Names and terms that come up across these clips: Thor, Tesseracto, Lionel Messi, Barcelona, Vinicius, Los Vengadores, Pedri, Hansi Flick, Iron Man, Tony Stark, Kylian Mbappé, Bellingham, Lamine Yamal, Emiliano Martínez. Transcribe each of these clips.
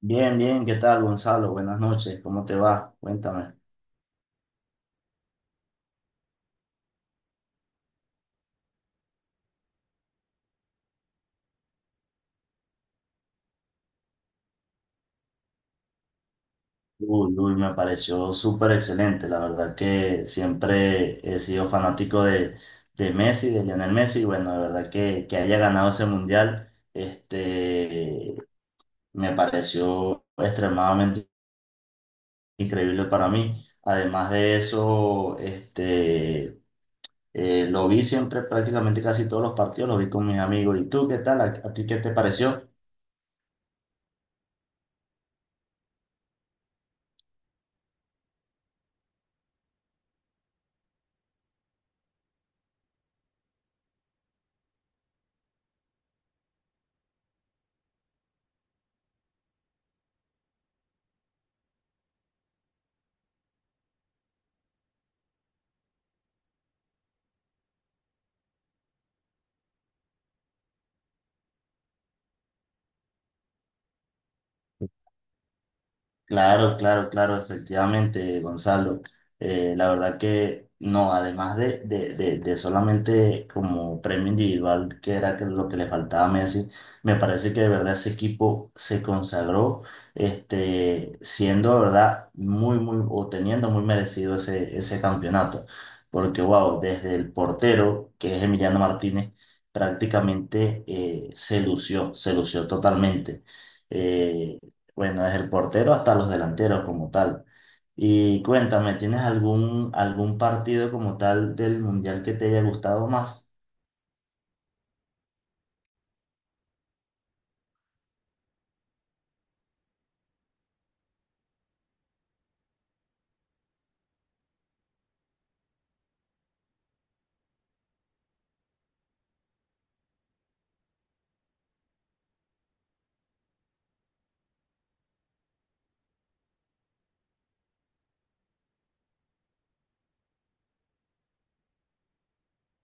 Bien, bien, ¿qué tal, Gonzalo? Buenas noches, ¿cómo te va? Cuéntame. Uy, uy, me pareció súper excelente, la verdad que siempre he sido fanático de Messi, de Lionel Messi, y bueno, la verdad que haya ganado ese mundial, me pareció extremadamente increíble para mí. Además de eso, lo vi siempre, prácticamente casi todos los partidos, lo vi con mis amigos. ¿Y tú qué tal? ¿A ti qué te pareció? Claro, claro, claro, efectivamente, Gonzalo. La verdad que no, además de solamente como premio individual, que era que lo que le faltaba a Messi, me parece que de verdad ese equipo se consagró, siendo de verdad muy, muy, o teniendo muy merecido ese campeonato. Porque, wow, desde el portero, que es Emiliano Martínez, prácticamente se lució totalmente. Eh, bueno, es el portero hasta los delanteros como tal. Y cuéntame, ¿tienes algún partido como tal del Mundial que te haya gustado más?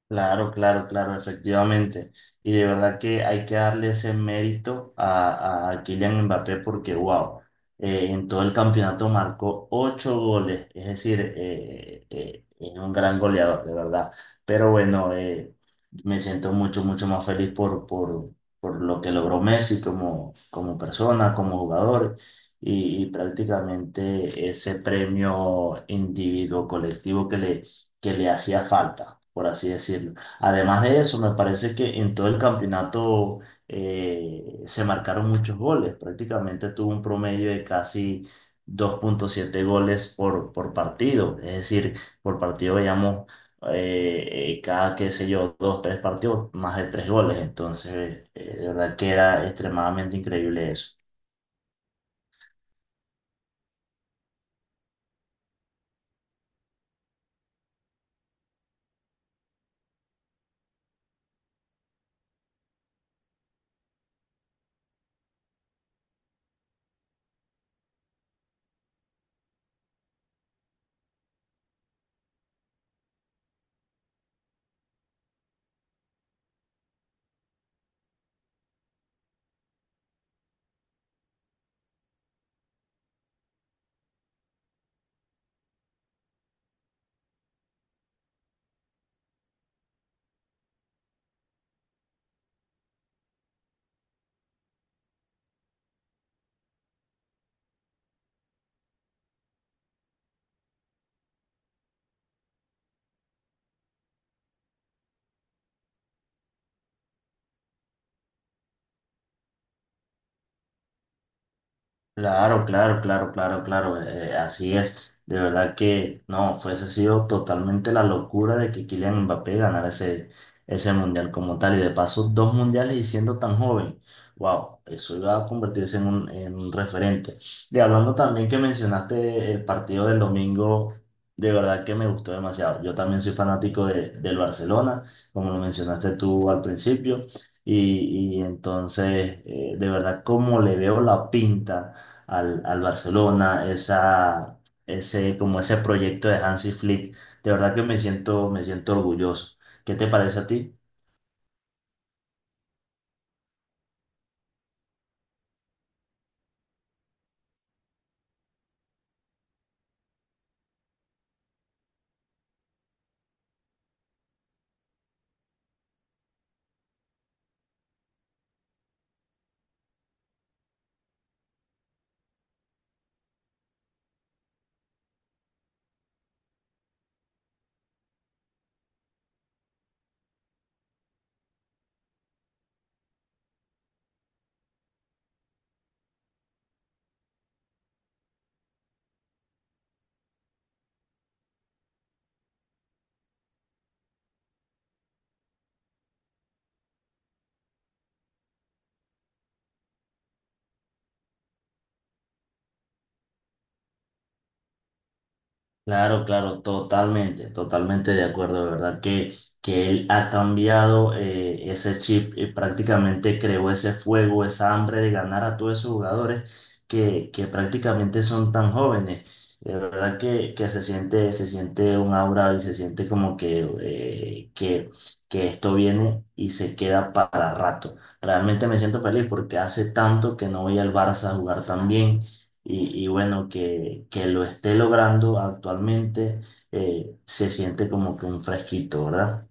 Claro, claro, claro, efectivamente. Y de verdad que hay que darle ese mérito a Kylian Mbappé porque, wow, en todo el campeonato marcó ocho goles, es decir, es un gran goleador, de verdad. Pero bueno, me siento mucho, mucho más feliz por lo que logró Messi como, como persona, como jugador y prácticamente ese premio individuo colectivo que le hacía falta, por así decirlo. Además de eso, me parece que en todo el campeonato se marcaron muchos goles, prácticamente tuvo un promedio de casi 2,7 goles por partido, es decir, por partido veíamos cada, qué sé yo, dos, tres partidos, más de tres goles, entonces de verdad que era extremadamente increíble eso. Claro, claro, claro, claro, claro, así es. De verdad que no, fuese sido totalmente la locura de que Kylian Mbappé ganara ese mundial como tal y de paso dos mundiales y siendo tan joven. Wow, eso iba a convertirse en un referente. Y hablando también que mencionaste el partido del domingo, de verdad que me gustó demasiado. Yo también soy fanático del Barcelona, como lo mencionaste tú al principio, y entonces, de verdad, como le veo la pinta al Barcelona, como ese proyecto de Hansi Flick. De verdad que me siento orgulloso. ¿Qué te parece a ti? Claro, claro, totalmente, totalmente de acuerdo, de verdad que él ha cambiado ese chip y prácticamente creó ese fuego, esa hambre de ganar a todos esos jugadores que prácticamente son tan jóvenes. De verdad que se siente un aura y se siente como que esto viene y se queda para rato. Realmente me siento feliz porque hace tanto que no voy al Barça a jugar tan bien y bueno, que lo esté logrando actualmente, se siente como que un fresquito, ¿verdad?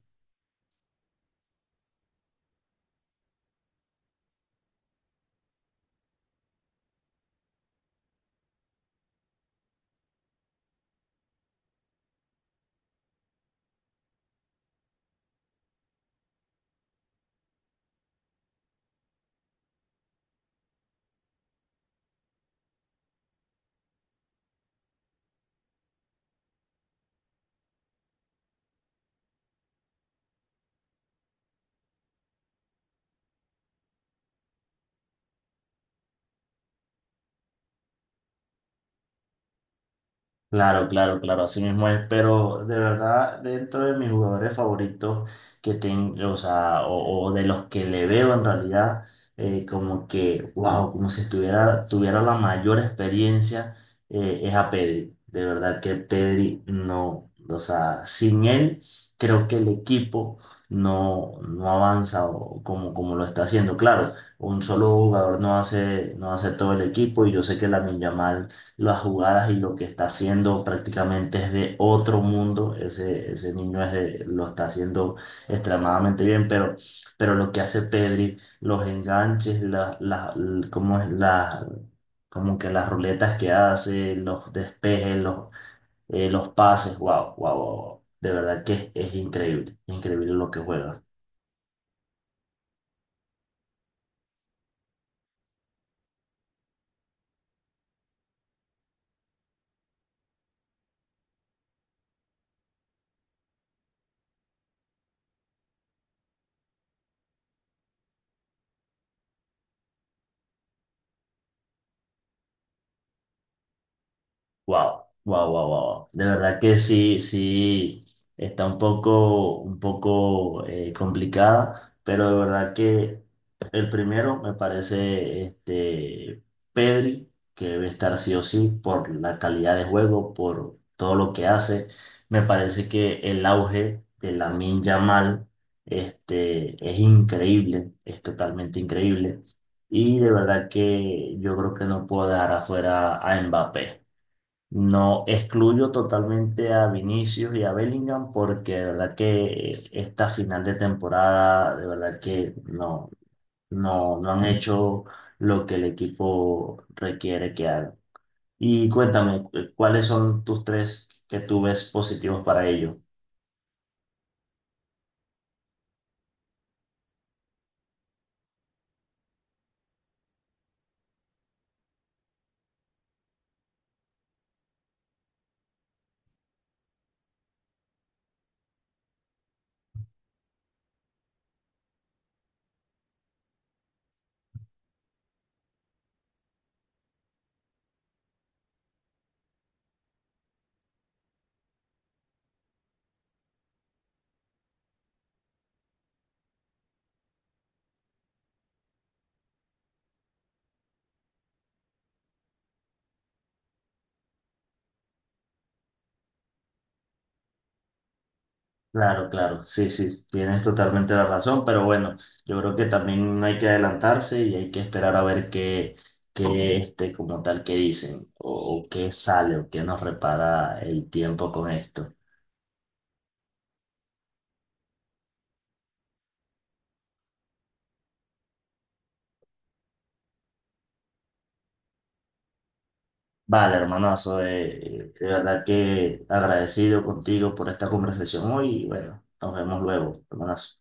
Claro, claro, claro, así mismo es, pero de verdad dentro de mis jugadores favoritos que tengo, o sea, o de los que le veo en realidad, como que, wow, como si estuviera, tuviera la mayor experiencia, es a Pedri. De verdad que Pedri no, o sea, sin él creo que el equipo no avanza o- como, como lo está haciendo. Claro, un solo jugador no hace, no hace todo el equipo y yo sé que la Yamal las jugadas y lo que está haciendo prácticamente es de otro mundo. Ese niño es de- lo está haciendo extremadamente bien, pero lo que hace Pedri, los enganches, la cómo es como que las ruletas que hace, los despejes, los pases, wow, wow, wow, wow. De verdad que es increíble, increíble lo que juega. Wow, wow, wow, wow. De verdad que sí, sí, está un poco complicada, pero de verdad que el primero me parece Pedri, que debe estar sí o sí por la calidad de juego, por todo lo que hace. Me parece que el auge de Lamine Yamal es increíble, es totalmente increíble. Y de verdad que yo creo que no puedo dejar afuera a Mbappé. No excluyo totalmente a Vinicius y a Bellingham porque de verdad que esta final de temporada, de verdad que no, no, no han hecho lo que el equipo requiere que hagan. Y cuéntame, ¿cuáles son tus tres que tú ves positivos para ellos? Claro, claro, sí, sí, tienes totalmente la razón, pero bueno, yo creo que también hay que adelantarse y hay que esperar a ver qué, como tal, qué dicen, o qué sale, o qué nos repara el tiempo con esto. Vale, hermanazo, de verdad que agradecido contigo por esta conversación hoy y bueno, nos vemos luego, hermanazo.